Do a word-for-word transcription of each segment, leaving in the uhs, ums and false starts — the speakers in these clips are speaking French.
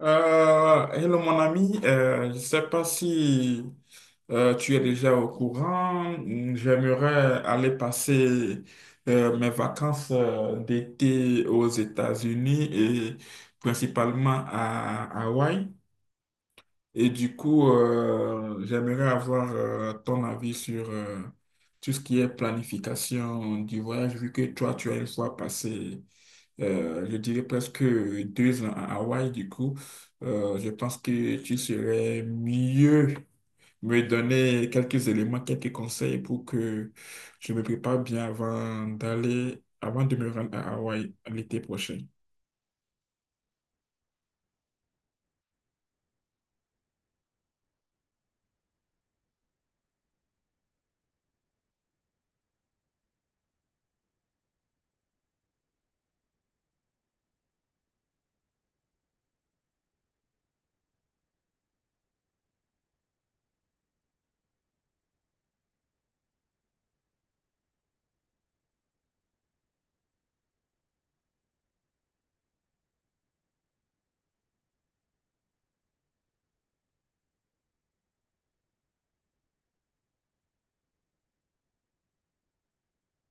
Euh, hello mon ami. Euh, je ne sais pas si euh, tu es déjà au courant, j'aimerais aller passer euh, mes vacances euh, d'été aux États-Unis et principalement à Hawaï. Et du coup, euh, j'aimerais avoir euh, ton avis sur euh, tout ce qui est planification du voyage, vu que toi, tu as une fois passé euh, je dirais presque deux ans à Hawaï. Du coup, euh, je pense que tu serais mieux me donner quelques éléments, quelques conseils pour que je me prépare bien avant d'aller, avant de me rendre à Hawaï l'été prochain.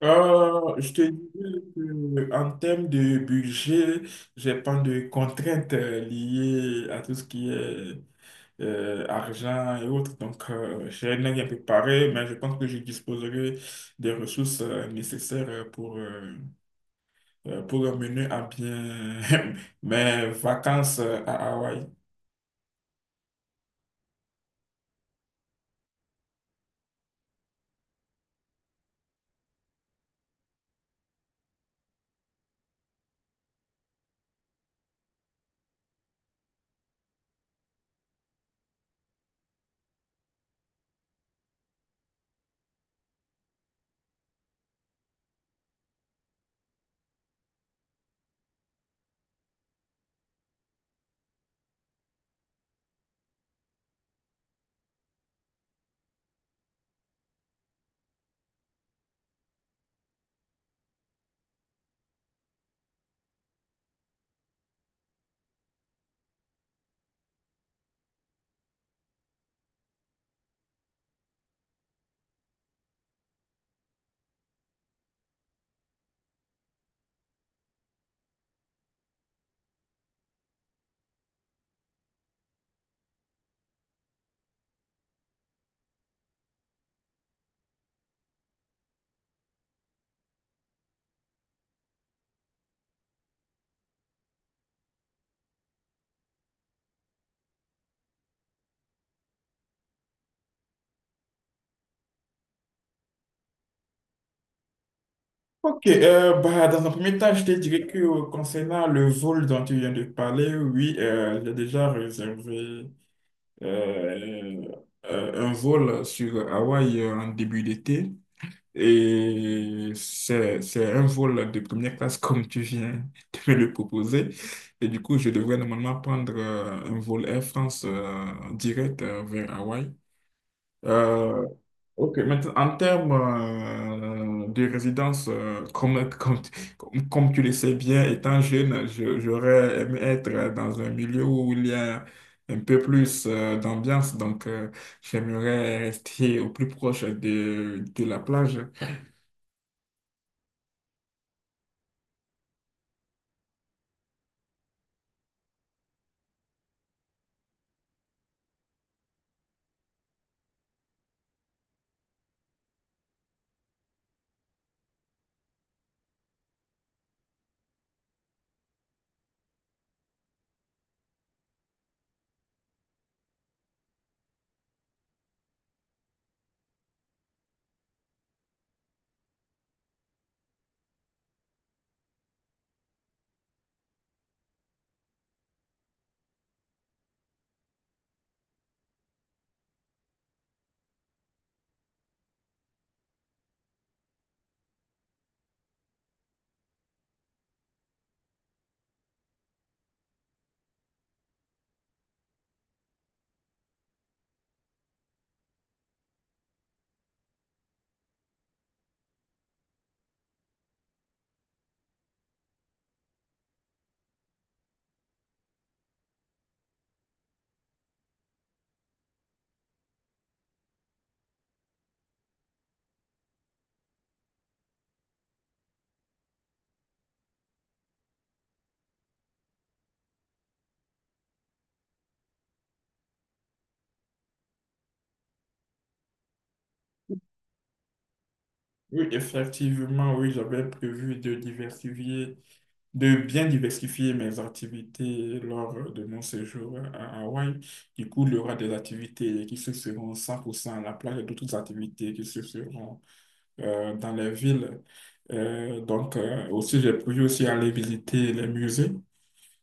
Euh, je te dis en termes de budget, j'ai pas de contraintes euh, liées à tout ce qui est euh, argent et autres. Donc, euh, j'ai rien préparé, mais je pense que je disposerai des ressources euh, nécessaires pour, euh, euh, pour mener à bien mes vacances euh, à Hawaï. Ok, euh, bah, dans un premier temps, je te dirais que euh, concernant le vol dont tu viens de parler, oui, euh, j'ai déjà réservé euh, euh, un vol sur Hawaï en début d'été. Et c'est, c'est un vol de première classe comme tu viens de me le proposer. Et du coup, je devrais normalement prendre euh, un vol Air France euh, direct euh, vers Hawaï. Euh, Ok, maintenant, en termes euh, de résidence, euh, comme, comme, comme, comme tu le sais bien, étant jeune, je- j'aurais aimé être dans un milieu où il y a un peu plus euh, d'ambiance. Donc euh, j'aimerais rester au plus proche de, de la plage. Oui, effectivement, oui, j'avais prévu de diversifier, de bien diversifier mes activités lors de mon séjour à Hawaï. Du coup, il y aura des activités qui se feront cent pour cent à la plage et d'autres activités qui se feront euh, dans les villes. Euh, donc, euh, aussi, j'ai prévu aussi aller visiter les musées.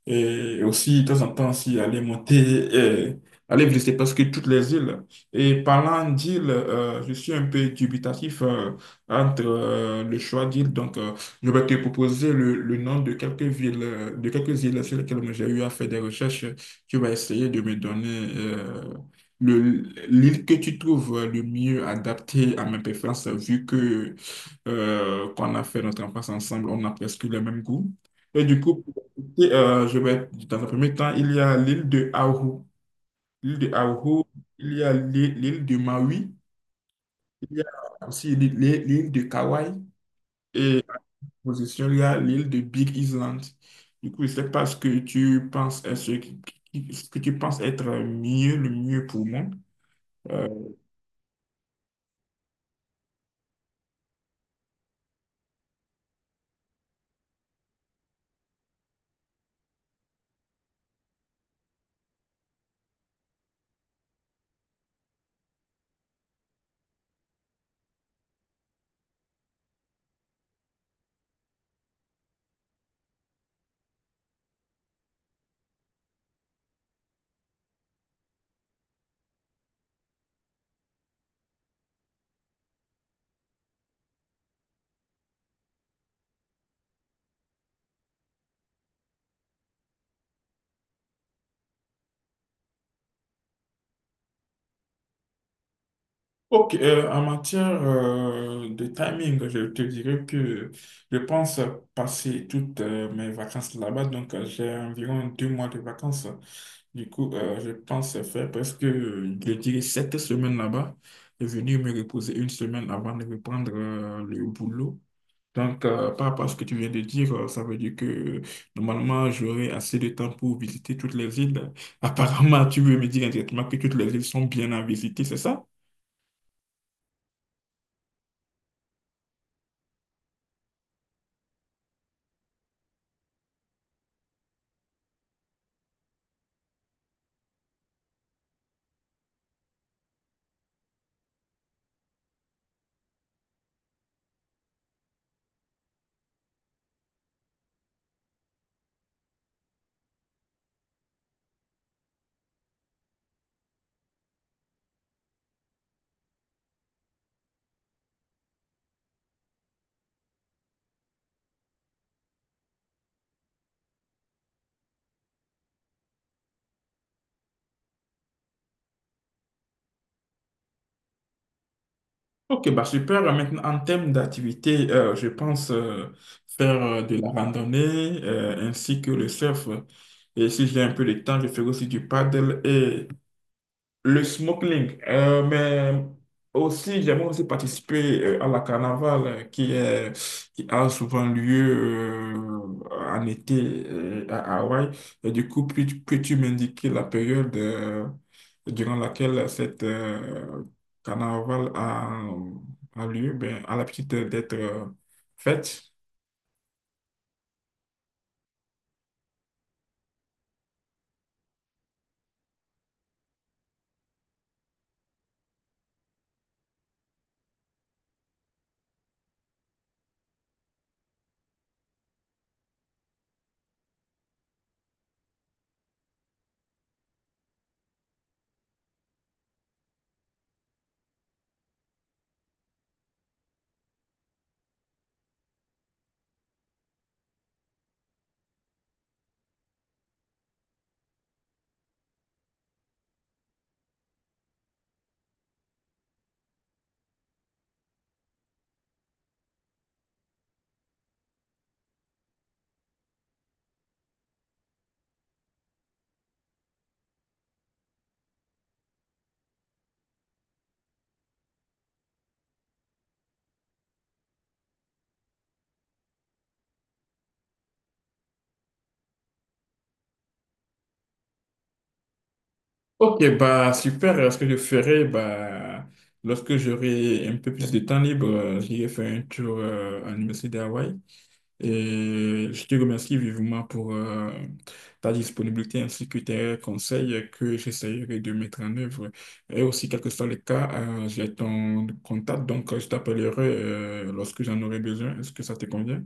Et aussi, de temps en temps, aussi, aller monter, euh, aller visiter parce que toutes les îles. Et parlant d'îles, euh, je suis un peu dubitatif euh, entre euh, le choix d'îles. Donc, euh, je vais te proposer le, le nom de quelques villes, euh, de quelques îles sur lesquelles j'ai eu à faire des recherches. Tu vas essayer de me donner euh, le, l'île que tu trouves le mieux adaptée à mes préférences, vu que euh, qu'on a fait notre enfance ensemble, on a presque le même goût. Et du coup, et, euh, je vais, dans un premier temps, il y a l'île de Oahu. L'île de Oahu, il y a l'île l'île de Maui, il y a aussi l'île l'île- l'île de Kauai, et en position, il y a l'île de Big Island. Du coup, je sais pas ce que tu penses, est- ce qui- qui- ce que tu penses être mieux, le mieux pour moi. Ok, euh, en matière euh, de timing, je te dirais que je pense passer toutes euh, mes vacances là-bas. Donc, euh, j'ai environ deux mois de vacances. Du coup, euh, je pense faire presque, euh, je dirais, sept semaines là-bas et venir me reposer une semaine avant de reprendre euh, le boulot. Donc, euh, par rapport à ce que tu viens de dire, euh, ça veut dire que normalement, j'aurai assez de temps pour visiter toutes les îles. Apparemment, tu veux me dire indirectement que toutes les îles sont bien à visiter, c'est ça? Ok, bah super. Euh, Maintenant, en termes d'activité, euh, je pense euh, faire euh, de la randonnée euh, ainsi que le surf. Et si j'ai un peu de temps, je ferai aussi du paddle, le snorkeling, euh, mais aussi, j'aimerais aussi participer euh, à la carnaval euh, qui est, qui a souvent lieu euh, en été euh, à Hawaï. Et du coup, peux- peux-tu m'indiquer la période euh, durant laquelle cette euh, carnaval a, a lieu, ben, à l'habitude d'être euh, faite? Ok, bah super. euh, Ce que je ferai, bah, lorsque j'aurai un peu plus de temps libre, euh, j'irai faire un tour euh, à l'Université d'Hawaï. Et je te remercie vivement pour euh, ta disponibilité ainsi que tes conseils que j'essaierai de mettre en œuvre. Et aussi, quel que soit le cas, euh, j'ai ton contact, donc euh, je t'appellerai euh, lorsque j'en aurai besoin. Est-ce que ça te convient?